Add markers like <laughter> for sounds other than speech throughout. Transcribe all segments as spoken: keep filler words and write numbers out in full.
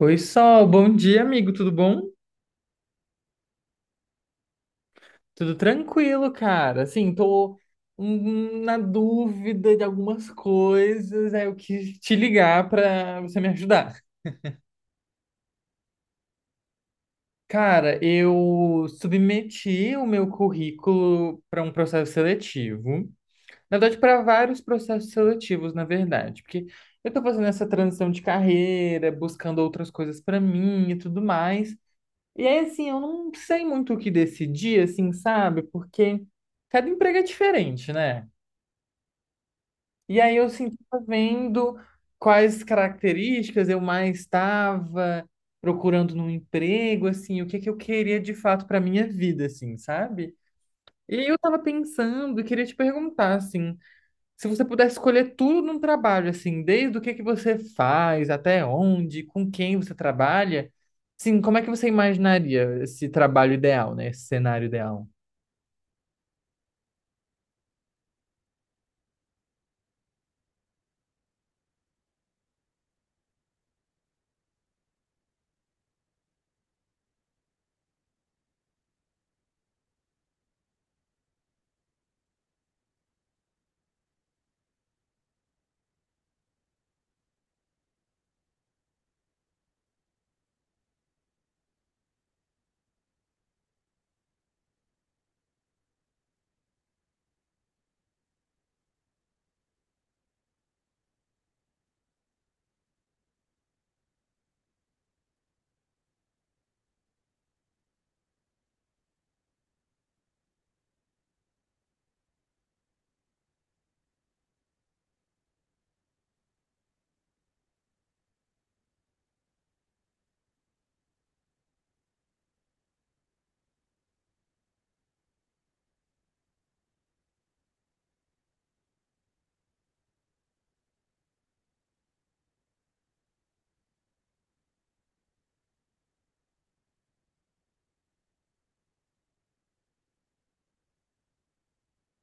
Oi, Sol, bom dia, amigo, tudo bom? Tudo tranquilo, cara. Assim, tô hum, na dúvida de algumas coisas, aí eu quis te ligar pra você me ajudar. Cara, eu submeti o meu currículo para um processo seletivo. Na verdade, para vários processos seletivos, na verdade, porque eu tô fazendo essa transição de carreira, buscando outras coisas para mim e tudo mais. E aí, assim, eu não sei muito o que decidir, assim, sabe? Porque cada emprego é diferente, né? E aí eu senti vendo quais características eu mais estava procurando num emprego, assim, o que que eu queria de fato para minha vida, assim, sabe? E aí eu tava pensando e queria te perguntar, assim, se você pudesse escolher tudo num trabalho, assim, desde o que que você faz, até onde, com quem você trabalha, sim, como é que você imaginaria esse trabalho ideal, né? Esse cenário ideal?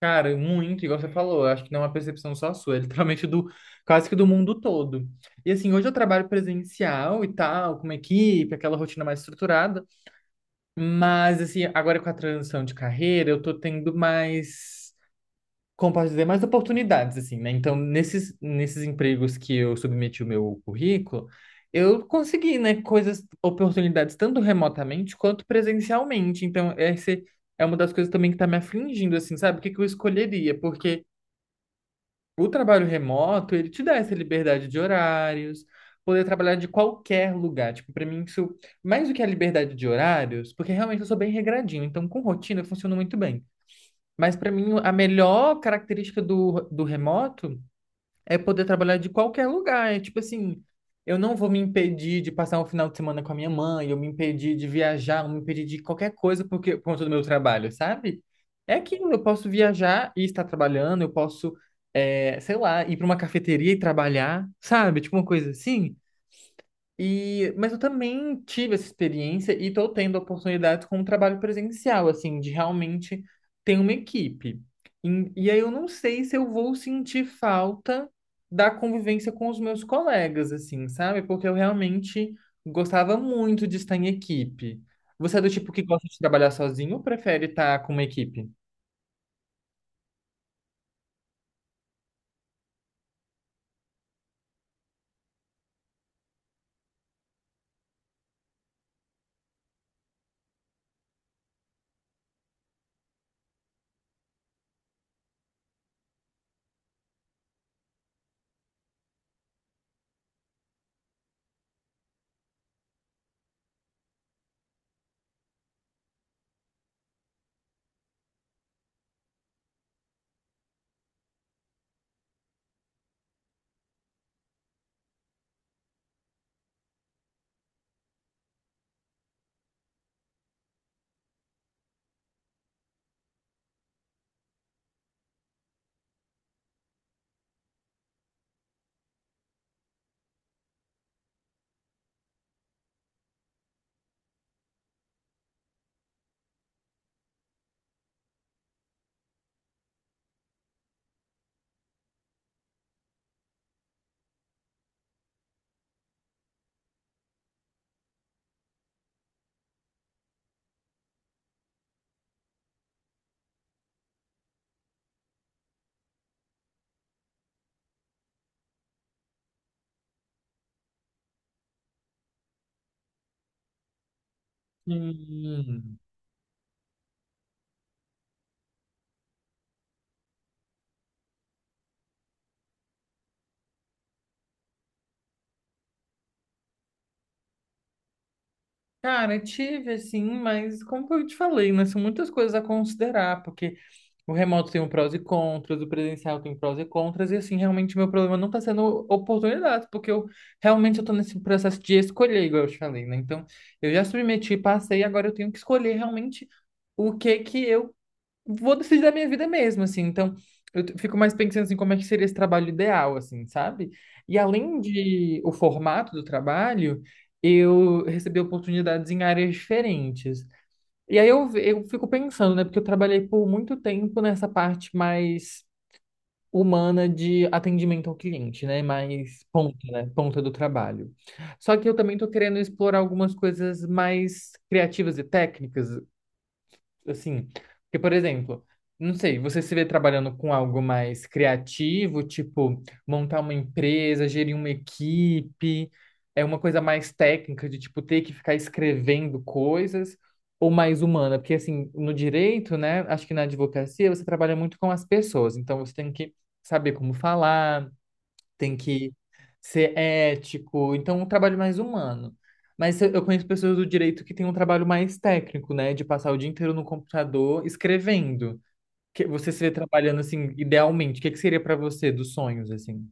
Cara, muito, igual você falou, eu acho que não é uma percepção só sua, é literalmente do, quase que do mundo todo. E assim, hoje eu trabalho presencial e tal, com uma equipe, aquela rotina mais estruturada, mas assim, agora com a transição de carreira, eu tô tendo mais compartilhar mais oportunidades, assim, né? Então, nesses, nesses empregos que eu submeti o meu currículo, eu consegui, né, coisas, oportunidades tanto remotamente quanto presencialmente. Então, essa é uma das coisas também que tá me afligindo, assim, sabe? O que que eu escolheria? Porque o trabalho remoto, ele te dá essa liberdade de horários, poder trabalhar de qualquer lugar. Tipo, pra mim isso, mais do que a liberdade de horários, porque realmente eu sou bem regradinho, então com rotina funciona muito bem. Mas para mim, a melhor característica do, do remoto é poder trabalhar de qualquer lugar. É tipo assim, eu não vou me impedir de passar um final de semana com a minha mãe, eu me impedir de viajar, eu me impedir de qualquer coisa porque, por conta do meu trabalho, sabe? É aquilo, eu posso viajar e estar trabalhando, eu posso, é, sei lá, ir para uma cafeteria e trabalhar, sabe? Tipo uma coisa assim. E, mas eu também tive essa experiência e estou tendo oportunidades com o trabalho presencial, assim, de realmente ter uma equipe. E, e aí eu não sei se eu vou sentir falta da convivência com os meus colegas, assim, sabe? Porque eu realmente gostava muito de estar em equipe. Você é do tipo que gosta de trabalhar sozinho ou prefere estar com uma equipe? Hum. Cara, tive assim, mas como eu te falei, né, são muitas coisas a considerar, porque o remoto tem um prós e contras, o presencial tem prós e contras, e assim, realmente meu problema não está sendo oportunidade, porque eu realmente eu tô nesse processo de escolher, igual eu te falei, né? Então, eu já submeti, passei, agora eu tenho que escolher realmente o que que eu vou decidir da minha vida mesmo, assim. Então, eu t- fico mais pensando assim, como é que seria esse trabalho ideal, assim, sabe? E além de o formato do trabalho, eu recebi oportunidades em áreas diferentes. E aí eu, eu fico pensando, né? Porque eu trabalhei por muito tempo nessa parte mais humana de atendimento ao cliente, né? Mais ponta, né? Ponta do trabalho. Só que eu também estou querendo explorar algumas coisas mais criativas e técnicas, assim, porque, por exemplo, não sei, você se vê trabalhando com algo mais criativo, tipo montar uma empresa, gerir uma equipe, é uma coisa mais técnica de tipo ter que ficar escrevendo coisas, ou mais humana, porque assim, no direito, né, acho que na advocacia você trabalha muito com as pessoas, então você tem que saber como falar tem que ser ético, então um trabalho mais humano. Mas eu eu conheço pessoas do direito que têm um trabalho mais técnico, né, de passar o dia inteiro no computador escrevendo. Que você se vê trabalhando assim, idealmente, o que que seria para você dos sonhos assim,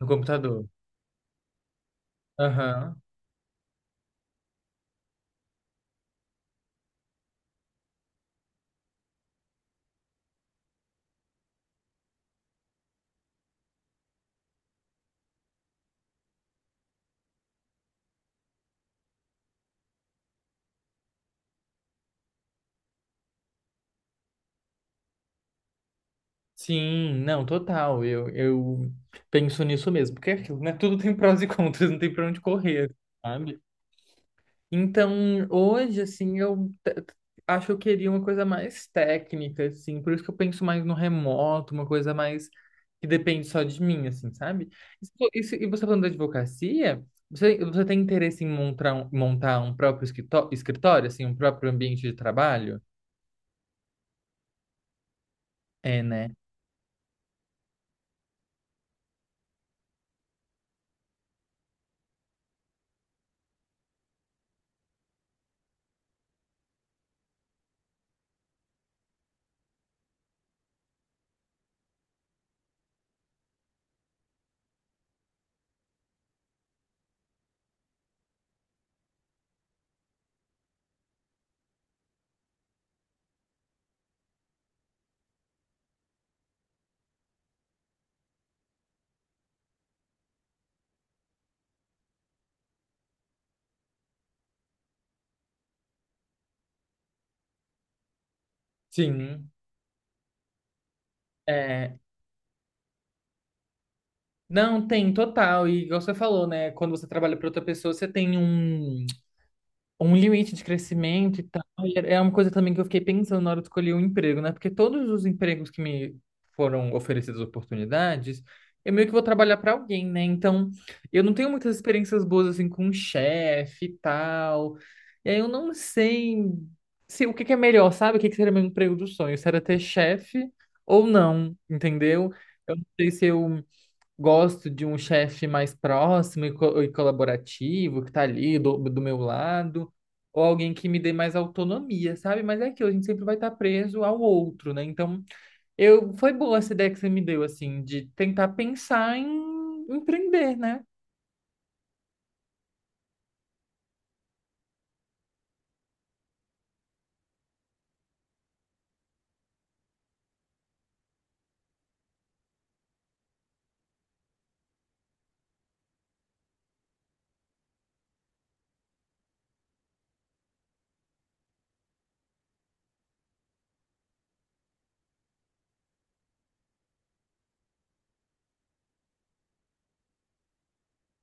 no computador? Aham. Sim, não, total. Eu, eu penso nisso mesmo, porque é aquilo, né? Tudo tem prós e <laughs> contras, não tem pra onde correr, sabe? Então, hoje, assim, eu te- te- acho que eu queria uma coisa mais técnica, assim, por isso que eu penso mais no remoto, uma coisa mais que depende só de mim, assim, sabe? Isso, isso- e você falando da advocacia, você, você tem interesse em montar um, montar um próprio escritório, escritório, assim, um próprio ambiente de trabalho? É, né? Sim. É, não, tem total. E igual você falou, né? Quando você trabalha para outra pessoa, você tem um. Um limite de crescimento e tal. E é uma coisa também que eu fiquei pensando na hora de escolher um emprego, né? Porque todos os empregos que me foram oferecidas oportunidades, eu meio que vou trabalhar para alguém, né? Então, eu não tenho muitas experiências boas assim com um chefe e tal. E aí eu não sei se o que que é melhor, sabe? O que que seria meu emprego do sonho? Se era ter chefe ou não, entendeu? Eu não sei se eu gosto de um chefe mais próximo e, co- e colaborativo, que tá ali do, do meu lado, ou alguém que me dê mais autonomia, sabe? Mas é aquilo, a gente sempre vai estar preso ao outro, né? Então, eu foi boa essa ideia que você me deu, assim, de tentar pensar em empreender, né?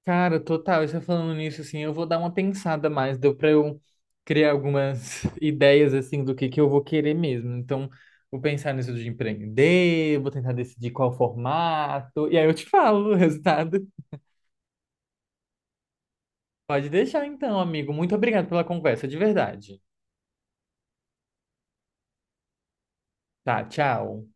Cara, total, e você falando nisso, assim, eu vou dar uma pensada mais, deu pra eu criar algumas <laughs> ideias, assim, do que que eu vou querer mesmo. Então, vou pensar nisso de empreender, vou tentar decidir qual formato, e aí eu te <laughs> falo o resultado. Pode deixar então, amigo. Muito obrigado pela conversa, de verdade. Tá, tchau.